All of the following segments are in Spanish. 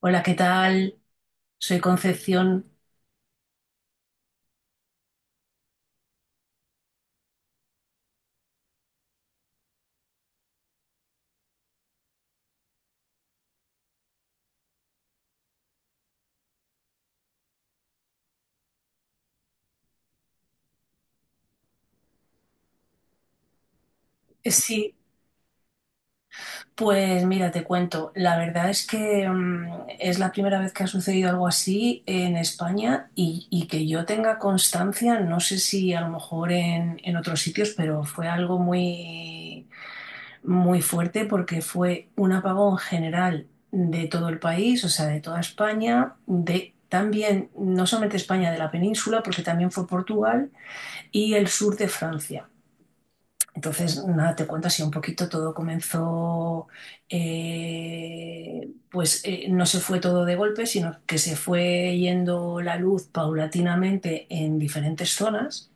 Hola, ¿qué tal? Soy Concepción. Sí, pues mira, te cuento. La verdad es que es la primera vez que ha sucedido algo así en España y que yo tenga constancia, no sé si a lo mejor en otros sitios, pero fue algo muy fuerte porque fue un apagón general de todo el país, o sea, de toda España, de también, no solamente España, de la península, porque también fue Portugal y el sur de Francia. Entonces, nada, te cuento así un poquito, todo no se fue todo de golpe, sino que se fue yendo la luz paulatinamente en diferentes zonas.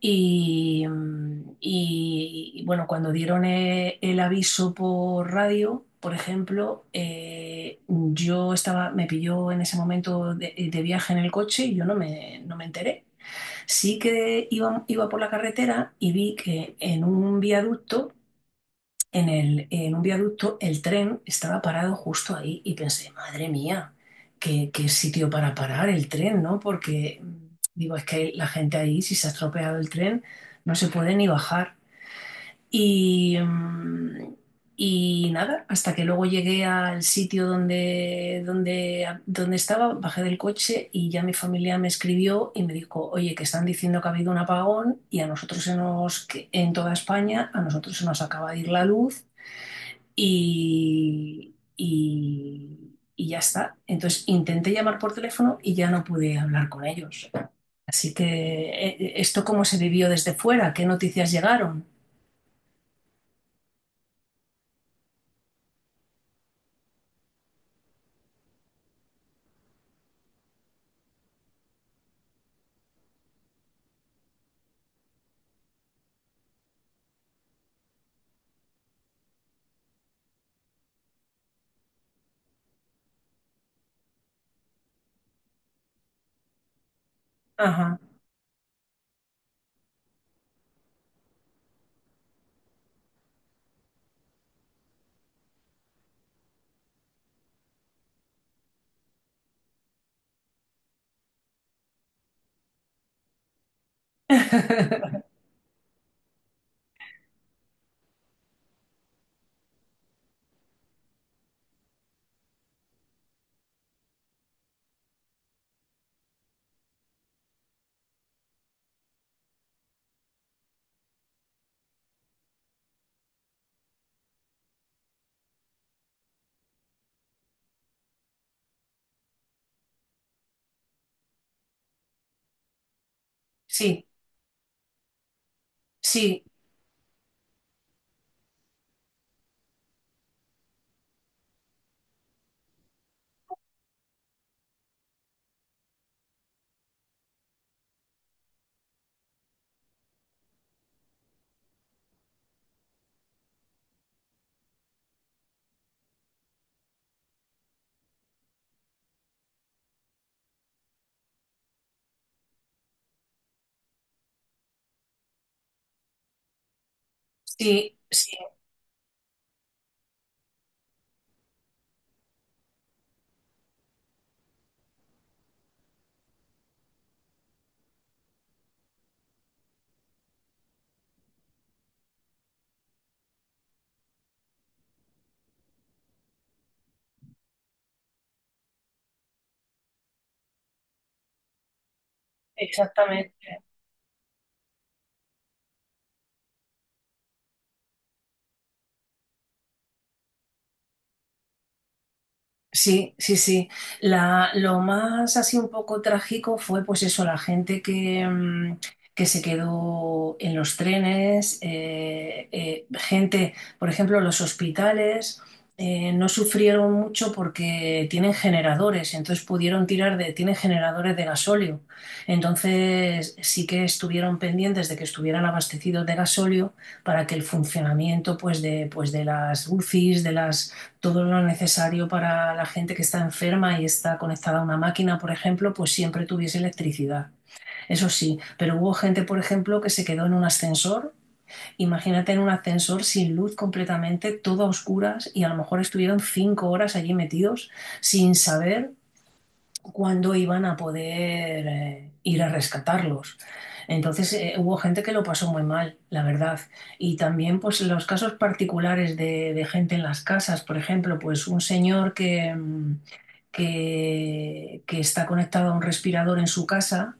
Bueno, cuando dieron el aviso por radio, por ejemplo, yo me pilló en ese momento de viaje en el coche y yo no no me enteré. Sí que iba por la carretera y vi que en un viaducto, en un viaducto, el tren estaba parado justo ahí y pensé, madre mía, qué sitio para parar el tren, ¿no? Porque digo, es que la gente ahí, si se ha estropeado el tren, no se puede ni bajar. Y, mm, y nada, hasta que luego llegué al sitio donde, donde estaba, bajé del coche y ya mi familia me escribió y me dijo, oye, que están diciendo que ha habido un apagón y a nosotros se nos, que en toda España, a nosotros se nos acaba de ir la luz y ya está. Entonces intenté llamar por teléfono y ya no pude hablar con ellos. Así que, ¿esto cómo se vivió desde fuera? ¿Qué noticias llegaron? Ajá. Sí, sí, sí, sí, exactamente. Sí, sí, sí. La, lo más así un poco trágico fue pues eso, la gente que se quedó en los trenes, gente, por ejemplo, los hospitales no sufrieron mucho porque tienen generadores, entonces pudieron tirar de, tienen generadores de gasóleo. Entonces sí que estuvieron pendientes de que estuvieran abastecidos de gasóleo para que el funcionamiento pues de las UCIs, de las todo lo necesario para la gente que está enferma y está conectada a una máquina, por ejemplo, pues siempre tuviese electricidad. Eso sí, pero hubo gente, por ejemplo, que se quedó en un ascensor. Imagínate en un ascensor sin luz completamente, todo a oscuras y a lo mejor estuvieron cinco horas allí metidos sin saber cuándo iban a poder ir a rescatarlos. Entonces hubo gente que lo pasó muy mal, la verdad. Y también pues los casos particulares de gente en las casas, por ejemplo, pues un señor que está conectado a un respirador en su casa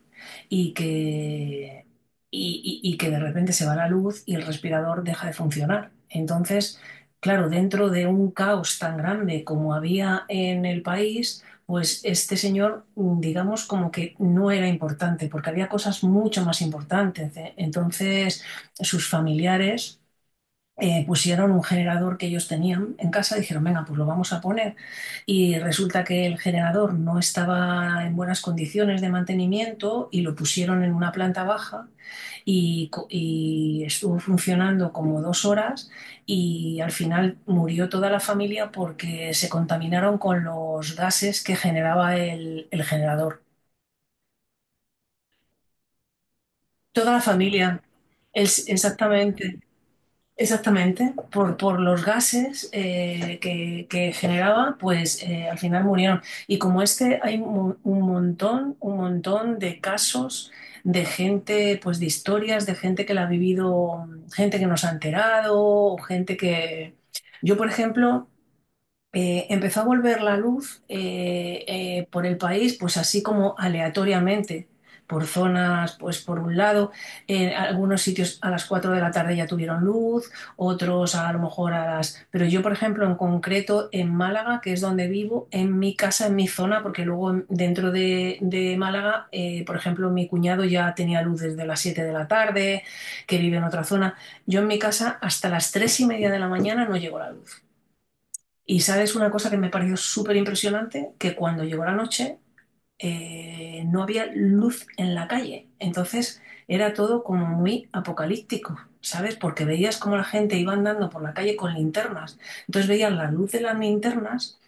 y que, y que de repente se va la luz y el respirador deja de funcionar. Entonces, claro, dentro de un caos tan grande como había en el país, pues este señor, mm, digamos, como que no era importante, porque había cosas mucho más importantes, ¿eh? Entonces, sus familiares pusieron un generador que ellos tenían en casa, dijeron, venga, pues lo vamos a poner. Y resulta que el generador no estaba en buenas condiciones de mantenimiento y lo pusieron en una planta baja y estuvo funcionando como dos horas y al final murió toda la familia porque se contaminaron con los gases que generaba el generador. Toda la familia, exactamente. Exactamente, por los gases que generaba, pues al final murieron. Y como este, hay un montón de casos de gente, pues de historias, de gente que la ha vivido, gente que nos ha enterado, o gente que... Yo, por ejemplo, empezó a volver la luz por el país, pues así como aleatoriamente, por zonas, pues por un lado, en algunos sitios a las 4 de la tarde ya tuvieron luz, otros a lo mejor a las... Pero yo, por ejemplo, en concreto en Málaga, que es donde vivo, en mi casa, en mi zona, porque luego dentro de Málaga, por ejemplo, mi cuñado ya tenía luz desde las 7 de la tarde, que vive en otra zona. Yo en mi casa hasta las 3 y media de la mañana no llegó la luz. Y sabes una cosa que me pareció súper impresionante, que cuando llegó la noche no había luz en la calle. Entonces era todo como muy apocalíptico, ¿sabes? Porque veías cómo la gente iba andando por la calle con linternas. Entonces veías la luz de las linternas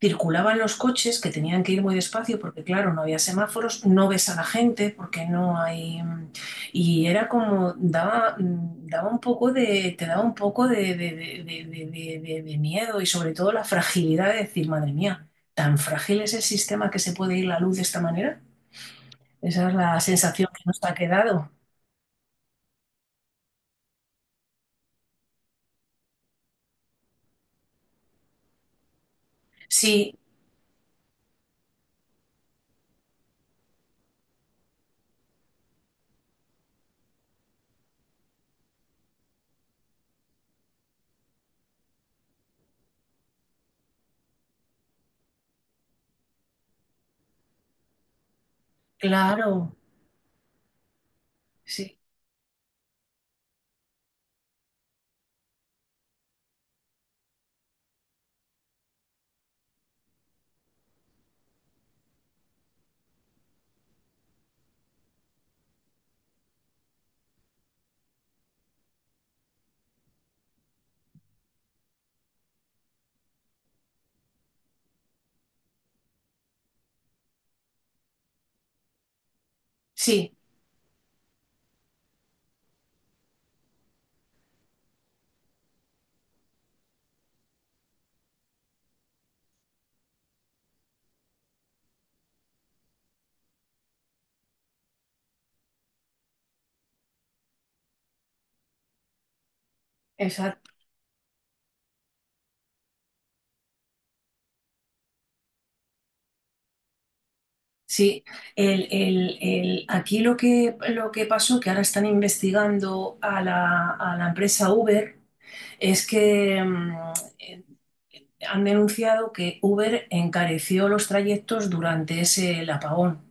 circulaban los coches que tenían que ir muy despacio porque, claro, no había semáforos, no ves a la gente porque no hay... Y era como, daba un poco de, te daba un poco de miedo y sobre todo la fragilidad de decir, madre mía, ¿tan frágil es el sistema que se puede ir la luz de esta manera? Esa es la sensación que nos ha quedado. Sí, claro, sí, sí, sí, aquí lo que pasó, que ahora están investigando a a la empresa Uber, es que eh, han denunciado que Uber encareció los trayectos durante ese el apagón.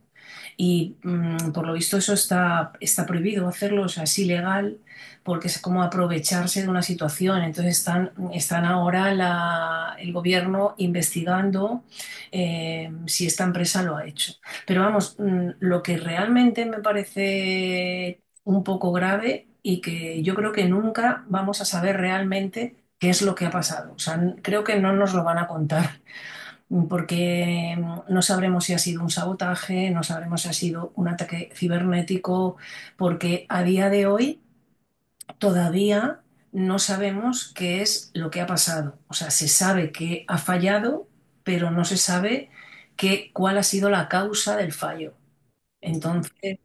Y mm, por lo visto eso está prohibido hacerlo, o sea, es ilegal, porque es como aprovecharse de una situación. Entonces están ahora el gobierno investigando si esta empresa lo ha hecho. Pero vamos, mm, lo que realmente me parece un poco grave y que yo creo que nunca vamos a saber realmente qué es lo que ha pasado. O sea, creo que no nos lo van a contar, porque mm, no sabremos si ha sido un sabotaje, no sabremos si ha sido un ataque cibernético, porque a día de hoy todavía no sabemos qué es lo que ha pasado. O sea, se sabe que ha fallado, pero no se sabe cuál ha sido la causa del fallo. Entonces,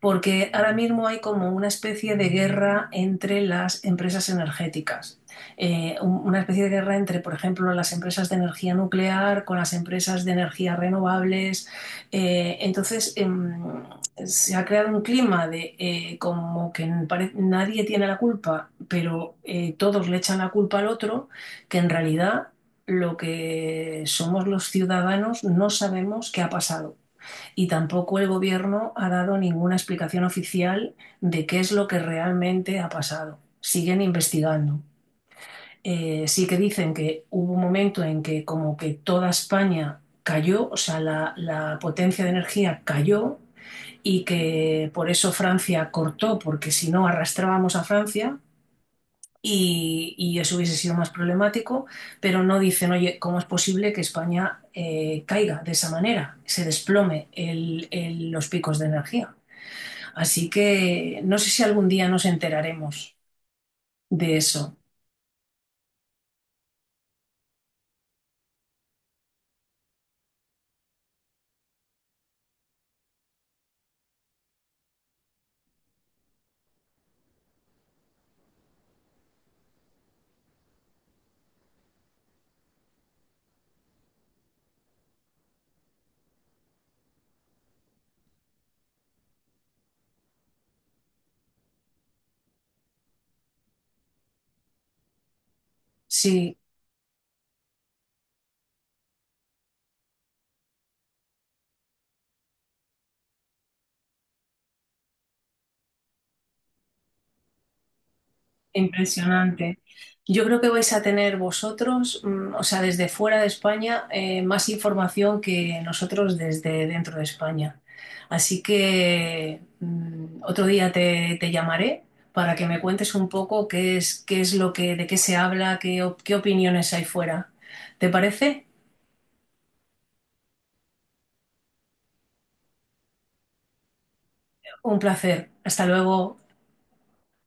porque ahora mismo hay como una especie de guerra entre las empresas energéticas. Una especie de guerra entre, por ejemplo, las empresas de energía nuclear con las empresas de energías renovables. Eh, entonces, em, se ha creado un clima de como que nadie tiene la culpa, pero todos le echan la culpa al otro, que en realidad lo que somos los ciudadanos no sabemos qué ha pasado y tampoco el gobierno ha dado ninguna explicación oficial de qué es lo que realmente ha pasado. Siguen investigando. Sí que dicen que hubo un momento en que como que toda España cayó, o sea, la potencia de energía cayó y que por eso Francia cortó, porque si no arrastrábamos a Francia y eso hubiese sido más problemático, pero no dicen, oye, ¿cómo es posible que España caiga de esa manera? Se desplome los picos de energía. Así que no sé si algún día nos enteraremos de eso. Sí, impresionante. Yo creo que vais a tener vosotros, mm, o sea, desde fuera de España, más información que nosotros desde dentro de España. Así que mm, otro día te llamaré para que me cuentes un poco qué es lo que, de qué se habla, qué opiniones hay fuera. ¿Te parece? Un placer. Hasta luego.